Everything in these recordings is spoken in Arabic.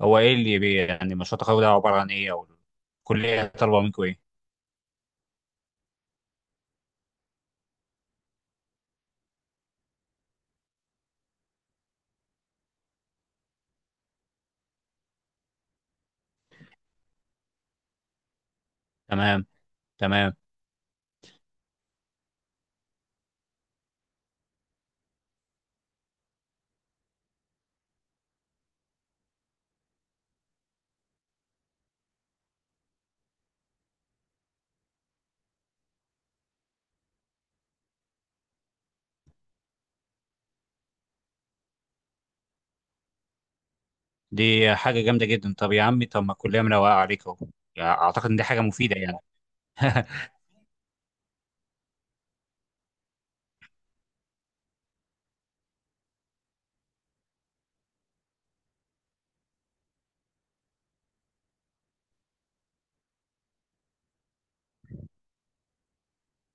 هو ايه اللي بي يعني مشروع التخرج ده عباره عن ايه؟ او الكليه طالبه منكم ايه؟ تمام. تمام. دي حاجه جامده جدا. طب يا عمي، طب ما الكليه مروقه عليك اهو، يعني اعتقد ان دي حاجه مفيده يعني.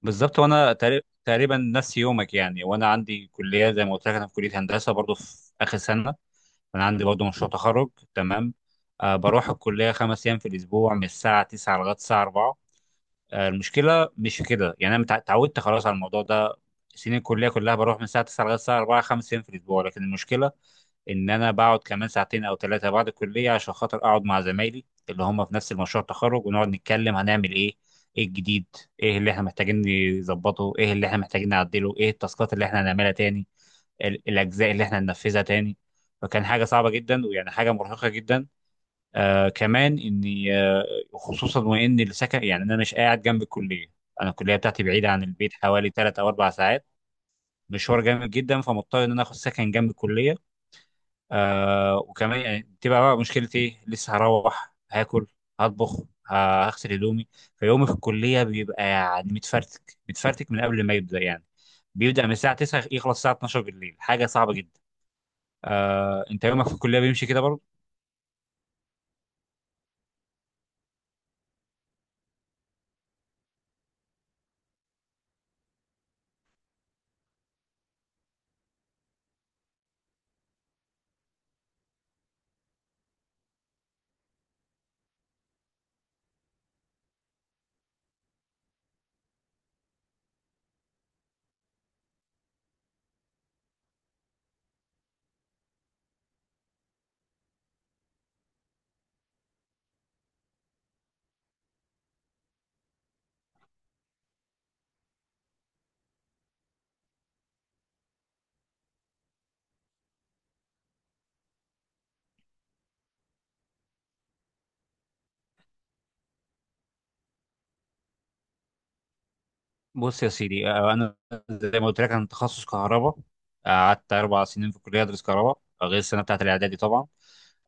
بالظبط، وانا تقريبا نفس يومك يعني، وانا عندي كليه، زي ما قلت لك انا في كليه هندسه برضو في اخر سنه. انا عندي برضو مشروع تخرج، تمام. آه، بروح الكليه خمس ايام في الاسبوع، من الساعه 9 لغايه الساعه 4. المشكله مش في كده، يعني انا اتعودت خلاص على الموضوع ده. سنين الكليه كلها بروح من الساعه 9 لغايه الساعه 4 خمس ايام في الاسبوع، لكن المشكله ان انا بقعد كمان ساعتين او 3 بعد الكليه، عشان خاطر اقعد مع زمايلي اللي هم في نفس المشروع التخرج، ونقعد نتكلم هنعمل ايه، ايه الجديد، ايه اللي احنا محتاجين نظبطه، ايه اللي احنا محتاجين نعدله، ايه التاسكات اللي احنا هنعملها تاني، الاجزاء اللي احنا هننفذها تاني. فكان حاجه صعبه جدا، ويعني حاجه مرهقه جدا. آه كمان اني آه خصوصا وان السكن، يعني انا مش قاعد جنب الكليه، انا الكليه بتاعتي بعيده عن البيت حوالي 3 او 4 ساعات، مشوار جامد جدا، فمضطر ان انا اخد سكن جنب الكليه. آه، وكمان يعني تبقى بقى مشكلتي ايه؟ لسه هروح هاكل، هطبخ، هغسل هدومي. فيومي في الكليه بيبقى يعني متفرتك متفرتك، من قبل ما يبدا يعني، بيبدا من الساعه 9 يخلص الساعه 12 بالليل. حاجه صعبه جدا. آه، انت يومك في الكليه بيمشي كده؟ بص يا سيدي، انا زي ما قلت لك انا تخصص كهرباء. آه، قعدت 4 سنين في الكليه ادرس كهرباء، آه، غير السنه بتاعت الاعدادي طبعا.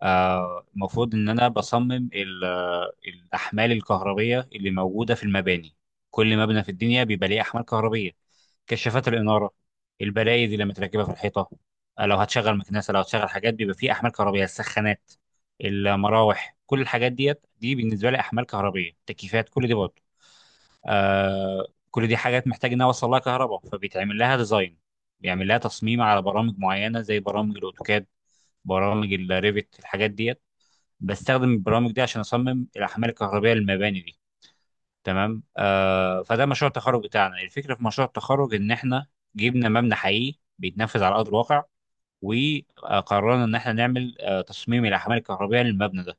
آه، المفروض ان انا بصمم الاحمال الكهربيه اللي موجوده في المباني. كل مبنى في الدنيا بيبقى ليه احمال كهربيه، كشافات الاناره، البلايد اللي متركبه في الحيطه. آه، لو هتشغل مكنسه، لو هتشغل حاجات، بيبقى فيه احمال كهربيه، السخانات، المراوح، كل الحاجات ديت، دي بالنسبه لي احمال كهربيه، تكييفات كل دي برضه. آه، كل دي حاجات محتاج انها اوصل لها كهرباء، فبيتعمل لها ديزاين، بيعمل لها تصميم على برامج معينه زي برامج الاوتوكاد، برامج الريفت، الحاجات ديت. بستخدم البرامج دي عشان اصمم الاحمال الكهربائيه للمباني دي، تمام. آه، فده مشروع التخرج بتاعنا. الفكره في مشروع التخرج ان احنا جبنا مبنى حقيقي بيتنفذ على ارض الواقع، وقررنا ان احنا نعمل آه تصميم الاحمال الكهربائيه للمبنى ده.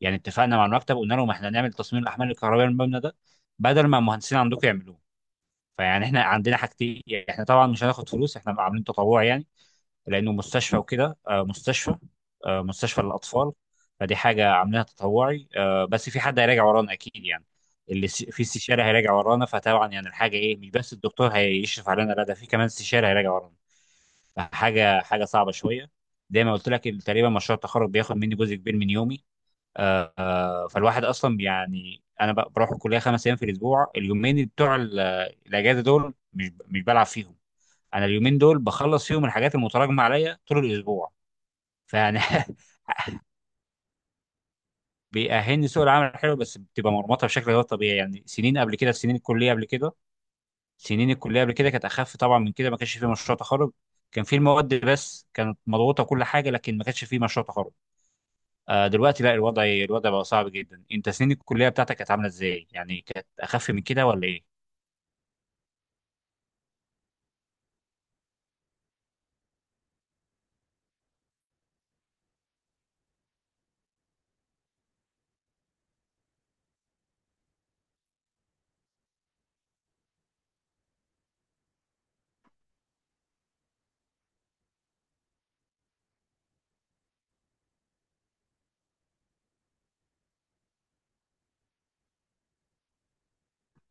يعني اتفقنا مع المكتب قلنا لهم احنا نعمل تصميم الاحمال الكهربائيه للمبنى ده، بدل ما المهندسين عندكم يعملوه. فيعني احنا عندنا حاجتين، احنا طبعا مش هناخد فلوس، احنا عاملين تطوع يعني، لانه مستشفى وكده، آه، مستشفى، آه، مستشفى للاطفال. فدي حاجه عاملينها تطوعي. آه، بس في حد هيراجع ورانا اكيد يعني، في استشاري هيراجع ورانا. فطبعا يعني الحاجه ايه؟ مش بس الدكتور هيشرف علينا، لا، ده في كمان استشاري هيراجع ورانا. فحاجه صعبه شويه. زي ما قلت لك، تقريبا مشروع التخرج بياخد مني جزء كبير من يومي. فالواحد اصلا يعني انا بروح الكليه خمس ايام في الاسبوع. اليومين بتوع الاجازه دول مش بلعب فيهم، انا اليومين دول بخلص فيهم الحاجات المتراكمه عليا طول الاسبوع. فيعني بيأهلني سوق العمل الحلو، بس بتبقى مرمطه بشكل غير طبيعي يعني. سنين الكليه قبل كده، سنين الكليه قبل كده كانت اخف طبعا من كده، ما كانش في مشروع تخرج، كان في المواد بس كانت مضغوطه كل حاجه، لكن ما كانش في مشروع تخرج. آه، دلوقتي لا، الوضع بقى صعب جدا. انت سنين الكليه بتاعتك كانت عامله ازاي؟ يعني كانت اخف من كده ولا ايه؟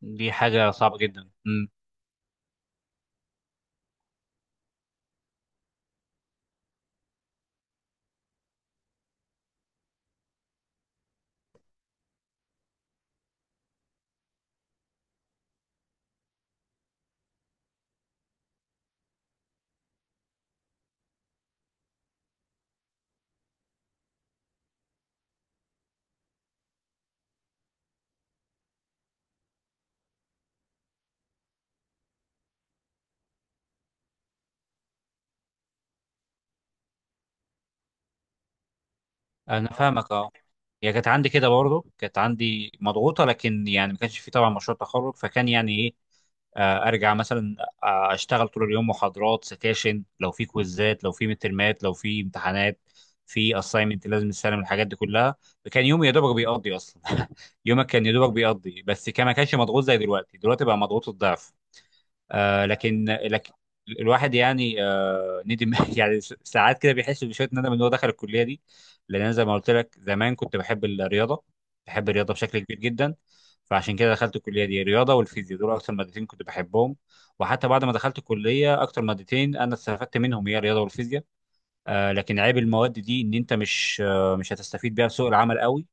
دي حاجه صعبه جدا. انا فاهمك اه. هي كانت عندي كده برضه، كانت عندي مضغوطه، لكن يعني ما كانش في طبعا مشروع تخرج. فكان يعني ايه، آه، ارجع مثلا، آه، اشتغل طول اليوم محاضرات، سكاشن، لو في كويزات، لو في مترمات، لو في امتحانات، في اساينمنت، لازم تسلم الحاجات دي كلها. فكان يومي يا دوبك بيقضي اصلا. يومك كان يا دوبك بيقضي، بس كان ما كانش مضغوط زي دلوقتي. دلوقتي بقى مضغوط الضعف. آه، لكن الواحد يعني آه ندم، يعني ساعات كده بيحس بشويه ندم ان هو دخل الكليه دي. لان انا زي ما قلت لك زمان كنت بحب الرياضه، بحب الرياضه بشكل كبير جدا. فعشان كده دخلت الكليه دي. الرياضه والفيزياء دول اكتر مادتين كنت بحبهم، وحتى بعد ما دخلت الكليه اكتر مادتين انا استفدت منهم هي الرياضه والفيزياء. آه، لكن عيب المواد دي ان انت مش آه مش هتستفيد بيها في سوق العمل قوي.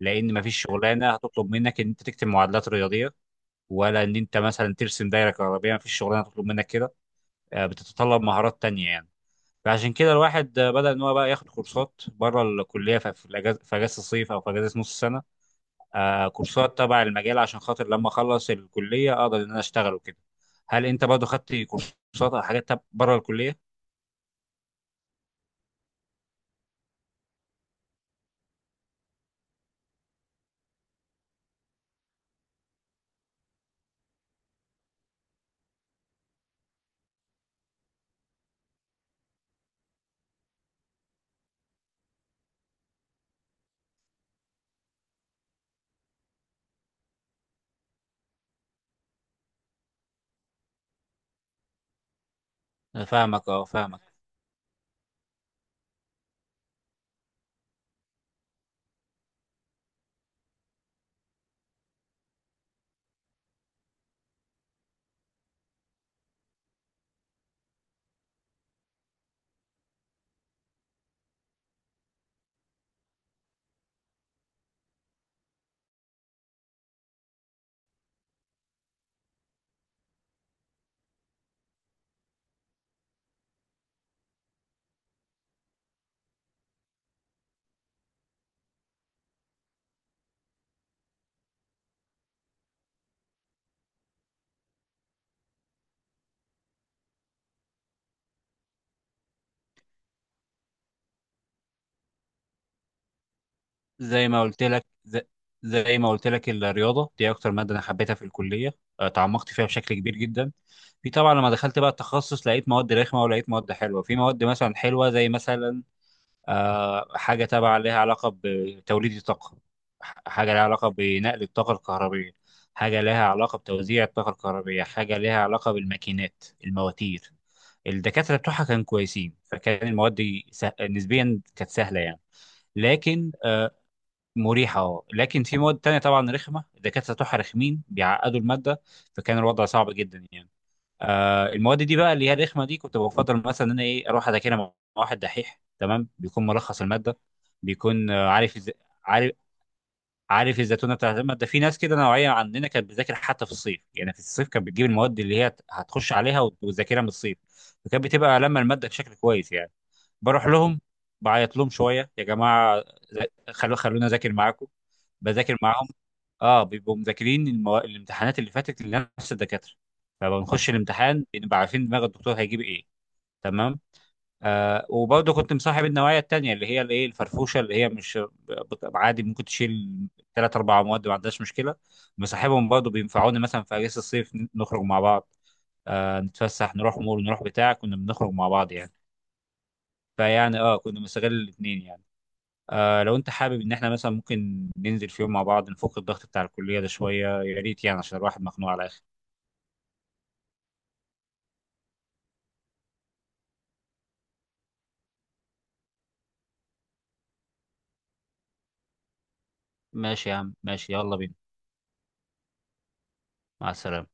لان مفيش شغلانه هتطلب منك ان انت تكتب معادلات رياضيه، ولا ان انت مثلا ترسم دايره كهربائيه، ما فيش شغلانه تطلب منك كده. آه، بتتطلب مهارات تانية يعني. فعشان كده الواحد آه، بدأ ان هو بقى ياخد كورسات بره الكليه في الاجازه، في اجازه الصيف او في اجازه نص السنه. آه، كورسات تبع المجال، عشان خاطر لما اخلص الكليه اقدر ان انا اشتغل وكده. هل انت برضه خدت كورسات او حاجات بره الكليه؟ أنا فاهمك اه، فاهمك. زي ما قلت لك ز- زي ما قلت لك الرياضه دي اكتر ماده انا حبيتها في الكليه. آه، تعمقت فيها بشكل كبير جدا. في طبعا لما دخلت بقى التخصص لقيت مواد رخمه ولقيت مواد حلوه. في مواد مثلا حلوه زي مثلا آه، حاجه تبع لها علاقه بتوليد الطاقه، حاجه لها علاقه بنقل الطاقه الكهربيه، حاجه لها علاقه بتوزيع الطاقه الكهربيه، حاجه لها علاقه بالماكينات، المواتير. الدكاتره بتوعها كانوا كويسين، فكان المواد دي نسبيا كانت سهله يعني. لكن آه، مريحة اه. لكن في مواد تانية طبعا رخمة، الدكاترة بتوعها رخمين، بيعقدوا المادة، فكان الوضع صعب جدا يعني. آه، المواد دي بقى اللي هي الرخمة دي، كنت بفضل مثلا ان انا ايه اروح اذاكرها مع واحد دحيح، تمام. بيكون ملخص المادة، بيكون آه، عارف إز... عارف عارف الزتونة بتاعت المادة. في ناس كده نوعية عننا كانت بتذاكر حتى في الصيف، يعني في الصيف كانت بتجيب المواد اللي هي هتخش عليها وتذاكرها من الصيف. فكانت بتبقى لما المادة بشكل كويس يعني. بروح لهم، بعيط لهم شوية، يا جماعة خلونا اذاكر معاكم. بذاكر معاهم، اه، بيبقوا مذاكرين الامتحانات اللي فاتت لنفس الدكاتره، فبنخش الامتحان بنبقى عارفين دماغ الدكتور هيجيب ايه، تمام. آه، وبرضه كنت مصاحب النوعيه التانيه اللي هي الايه الفرفوشه، اللي هي مش عادي ممكن تشيل 3 4 مواد ما عندهاش مشكله. مصاحبهم برضه، بينفعوني مثلا في اجازه الصيف، نخرج مع بعض، آه نتفسح، نروح مول، نروح بتاع، كنا بنخرج مع بعض يعني. فيعني اه كنا بنستغل الاثنين يعني. آه، لو انت حابب ان احنا مثلا ممكن ننزل في يوم مع بعض نفك الضغط بتاع الكلية ده شوية، يا ريت يعني، عشان الواحد مخنوق على الاخر. ماشي يا عم، ماشي، يلا بينا. مع السلامة.